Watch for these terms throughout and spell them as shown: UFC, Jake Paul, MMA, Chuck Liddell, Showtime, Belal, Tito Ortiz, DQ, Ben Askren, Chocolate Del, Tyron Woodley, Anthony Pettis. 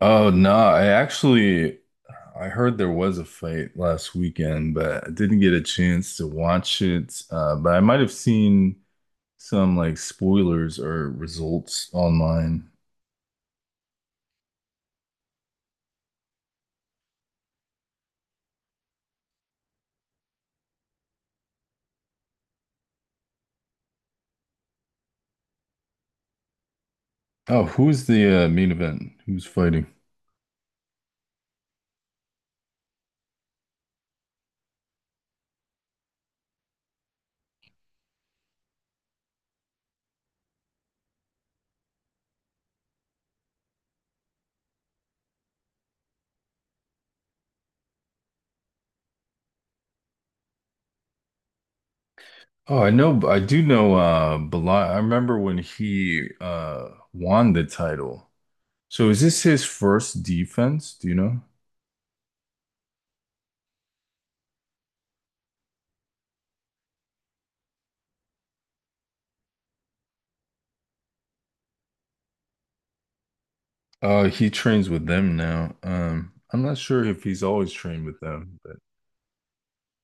Oh no, I actually I heard there was a fight last weekend, but I didn't get a chance to watch it. But I might have seen some like spoilers or results online. Oh, who's the main event? Who's fighting? Oh, I know, I do know Belal. I remember when he won the title. So is this his first defense? Do you know? He trains with them now. I'm not sure if he's always trained with them.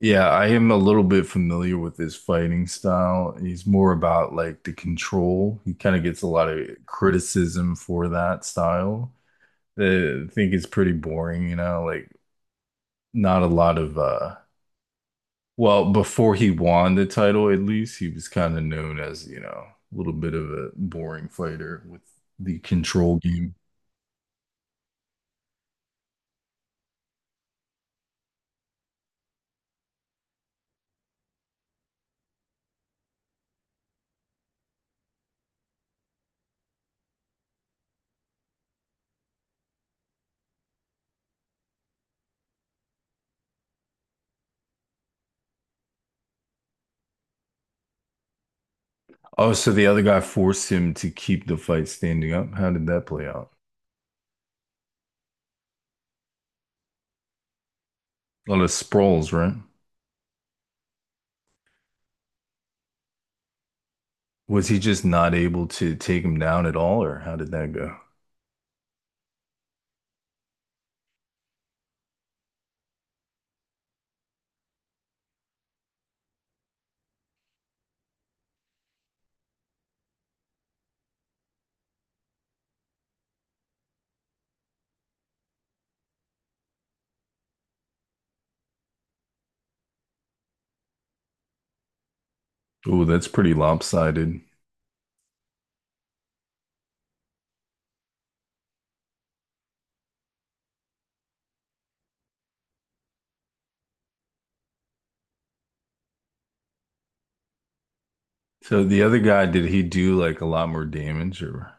Yeah, I am a little bit familiar with his fighting style. He's more about like the control. He kind of gets a lot of criticism for that style. I think it's pretty boring, you know, like not a lot of well, before he won the title at least, he was kind of known as, you know, a little bit of a boring fighter with the control game. Oh, so the other guy forced him to keep the fight standing up. How did that play out? A lot of sprawls, right? Was he just not able to take him down at all, or how did that go? Oh, that's pretty lopsided. So the other guy, did he do like a lot more damage, or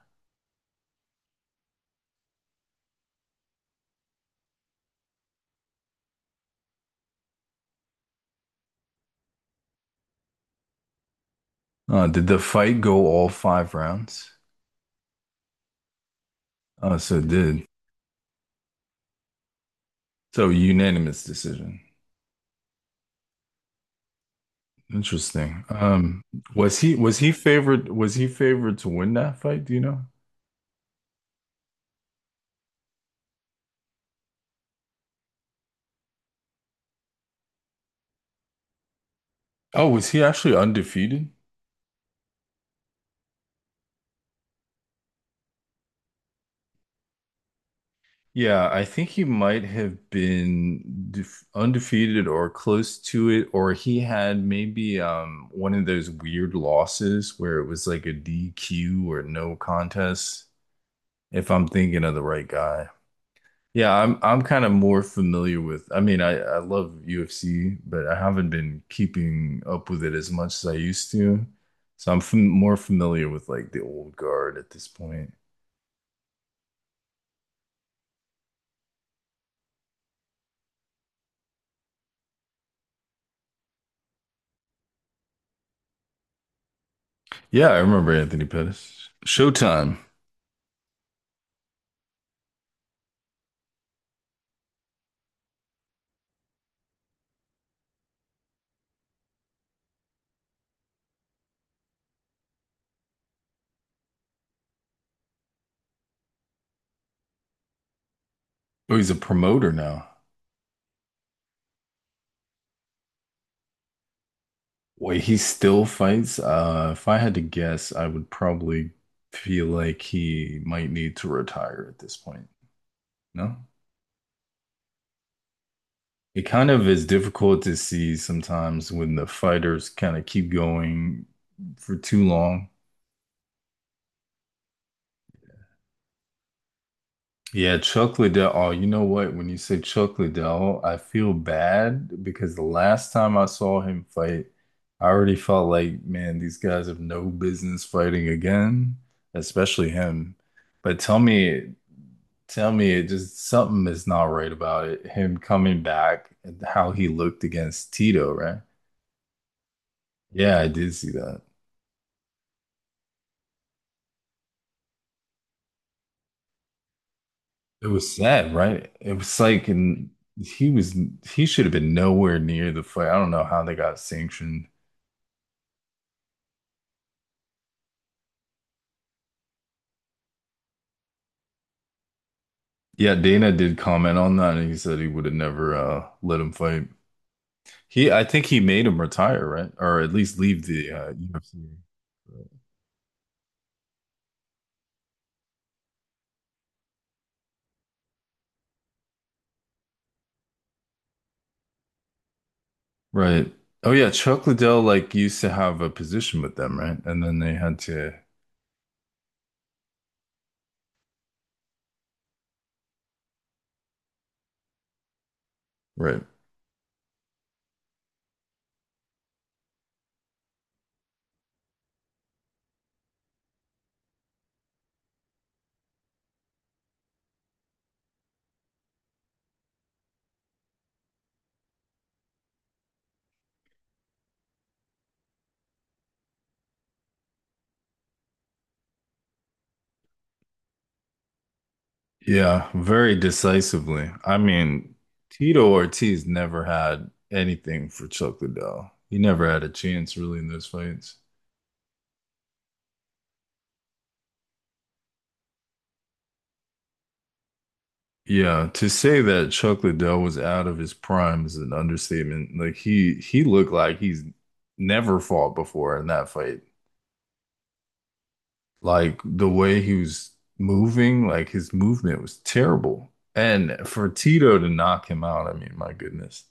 did the fight go all five rounds? Oh, so it did. So unanimous decision. Interesting. Was he favored? Was he favored to win that fight? Do you know? Oh, was he actually undefeated? Yeah, I think he might have been def undefeated or close to it, or he had maybe one of those weird losses where it was like a DQ or no contest, if I'm thinking of the right guy. Yeah, I'm kind of more familiar with, I mean, I love UFC, but I haven't been keeping up with it as much as I used to. So I'm fam more familiar with like the old guard at this point. Yeah, I remember Anthony Pettis. Showtime. Oh, he's a promoter now. Wait, he still fights? If I had to guess, I would probably feel like he might need to retire at this point. No? It kind of is difficult to see sometimes when the fighters kind of keep going for too long. Yeah, chocolate Del. Oh, you know what? When you say chocolate Del, I feel bad because the last time I saw him fight, I already felt like, man, these guys have no business fighting again, especially him. But tell me, it just something is not right about it. Him coming back and how he looked against Tito, right? Yeah, I did see that. It was sad, right? It was like, and he was he should have been nowhere near the fight. I don't know how they got sanctioned. Yeah, Dana did comment on that, and he said he would have never let him fight. I think he made him retire, right? Or at least leave the UFC. Right. Oh yeah, Chuck Liddell like used to have a position with them, right? And then they had to, right. Yeah, very decisively. I mean, Tito Ortiz never had anything for Chuck Liddell. He never had a chance really in those fights. Yeah, to say that Chuck Liddell was out of his prime is an understatement. Like he looked like he's never fought before in that fight. Like the way he was moving, like his movement was terrible. And for Tito to knock him out, I mean, my goodness.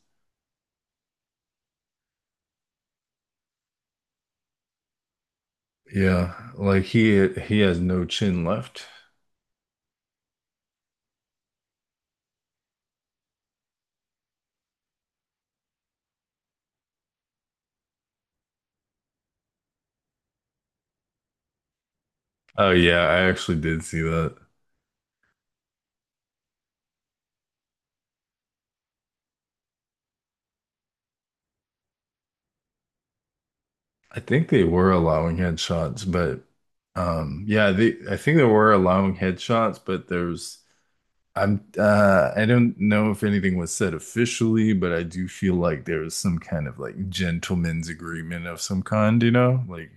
Yeah, like he has no chin left. Oh yeah, I actually did see that. I think they were allowing headshots, but yeah, they I think they were allowing headshots, but there's I don't know if anything was said officially, but I do feel like there was some kind of like gentleman's agreement of some kind, you know, like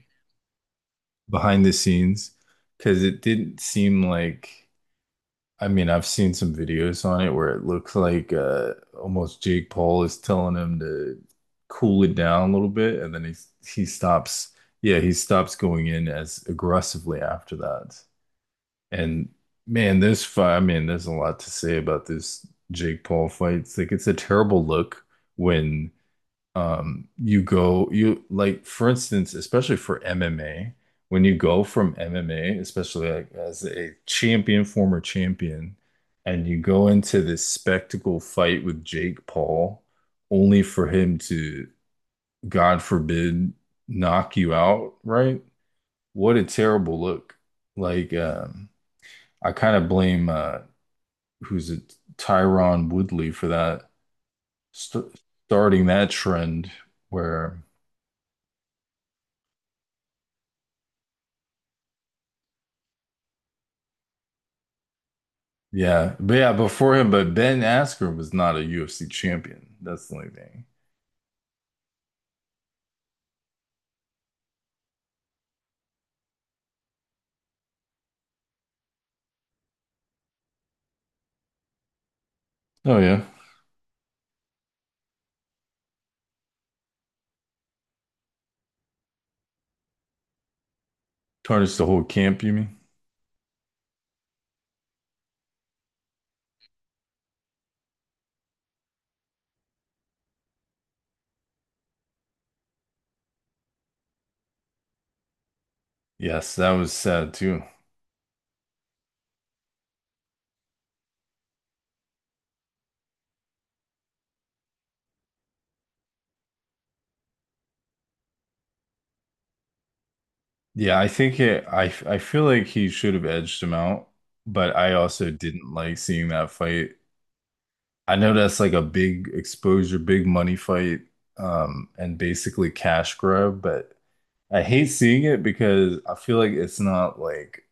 behind the scenes, because it didn't seem like I mean, I've seen some videos on it where it looks like almost Jake Paul is telling him to cool it down a little bit, and then he stops, yeah, he stops going in as aggressively after that. And man, this fight, I mean, there's a lot to say about this Jake Paul fight. It's like it's a terrible look when you go you like for instance, especially for MMA, when you go from MMA, especially like as a champion, former champion, and you go into this spectacle fight with Jake Paul only for him to, God forbid, knock you out, right? What a terrible look. Like, I kind of blame who's it, Tyron Woodley for that st starting that trend where yeah, but yeah, before him, but Ben Askren was not a UFC champion. That's the only thing. Oh yeah, tarnished the whole camp. You mean? Yes, that was sad too. Yeah, I think it. I feel like he should have edged him out, but I also didn't like seeing that fight. I know that's like a big exposure, big money fight, and basically cash grab, but I hate seeing it because I feel like it's not like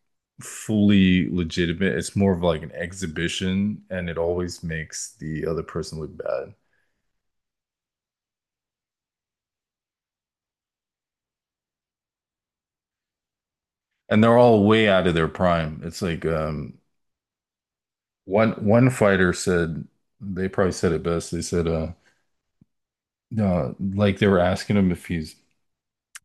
fully legitimate. It's more of like an exhibition, and it always makes the other person look bad. And they're all way out of their prime. It's like one fighter said they probably said it best. They said no, like they were asking him if he's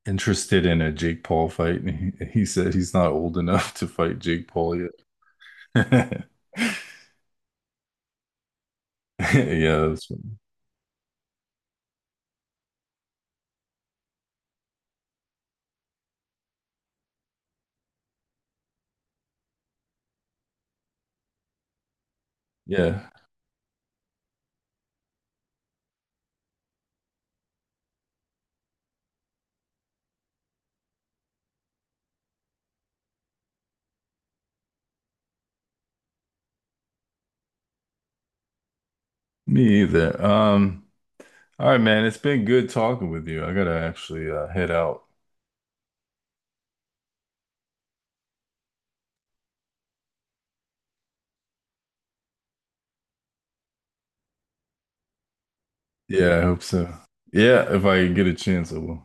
interested in a Jake Paul fight, and he said he's not old enough to fight Jake Paul yet. Yeah, that's, yeah, me either. All right, man, it's been good talking with you. I gotta actually head out. Yeah, I hope so. Yeah, if I get a chance, I will.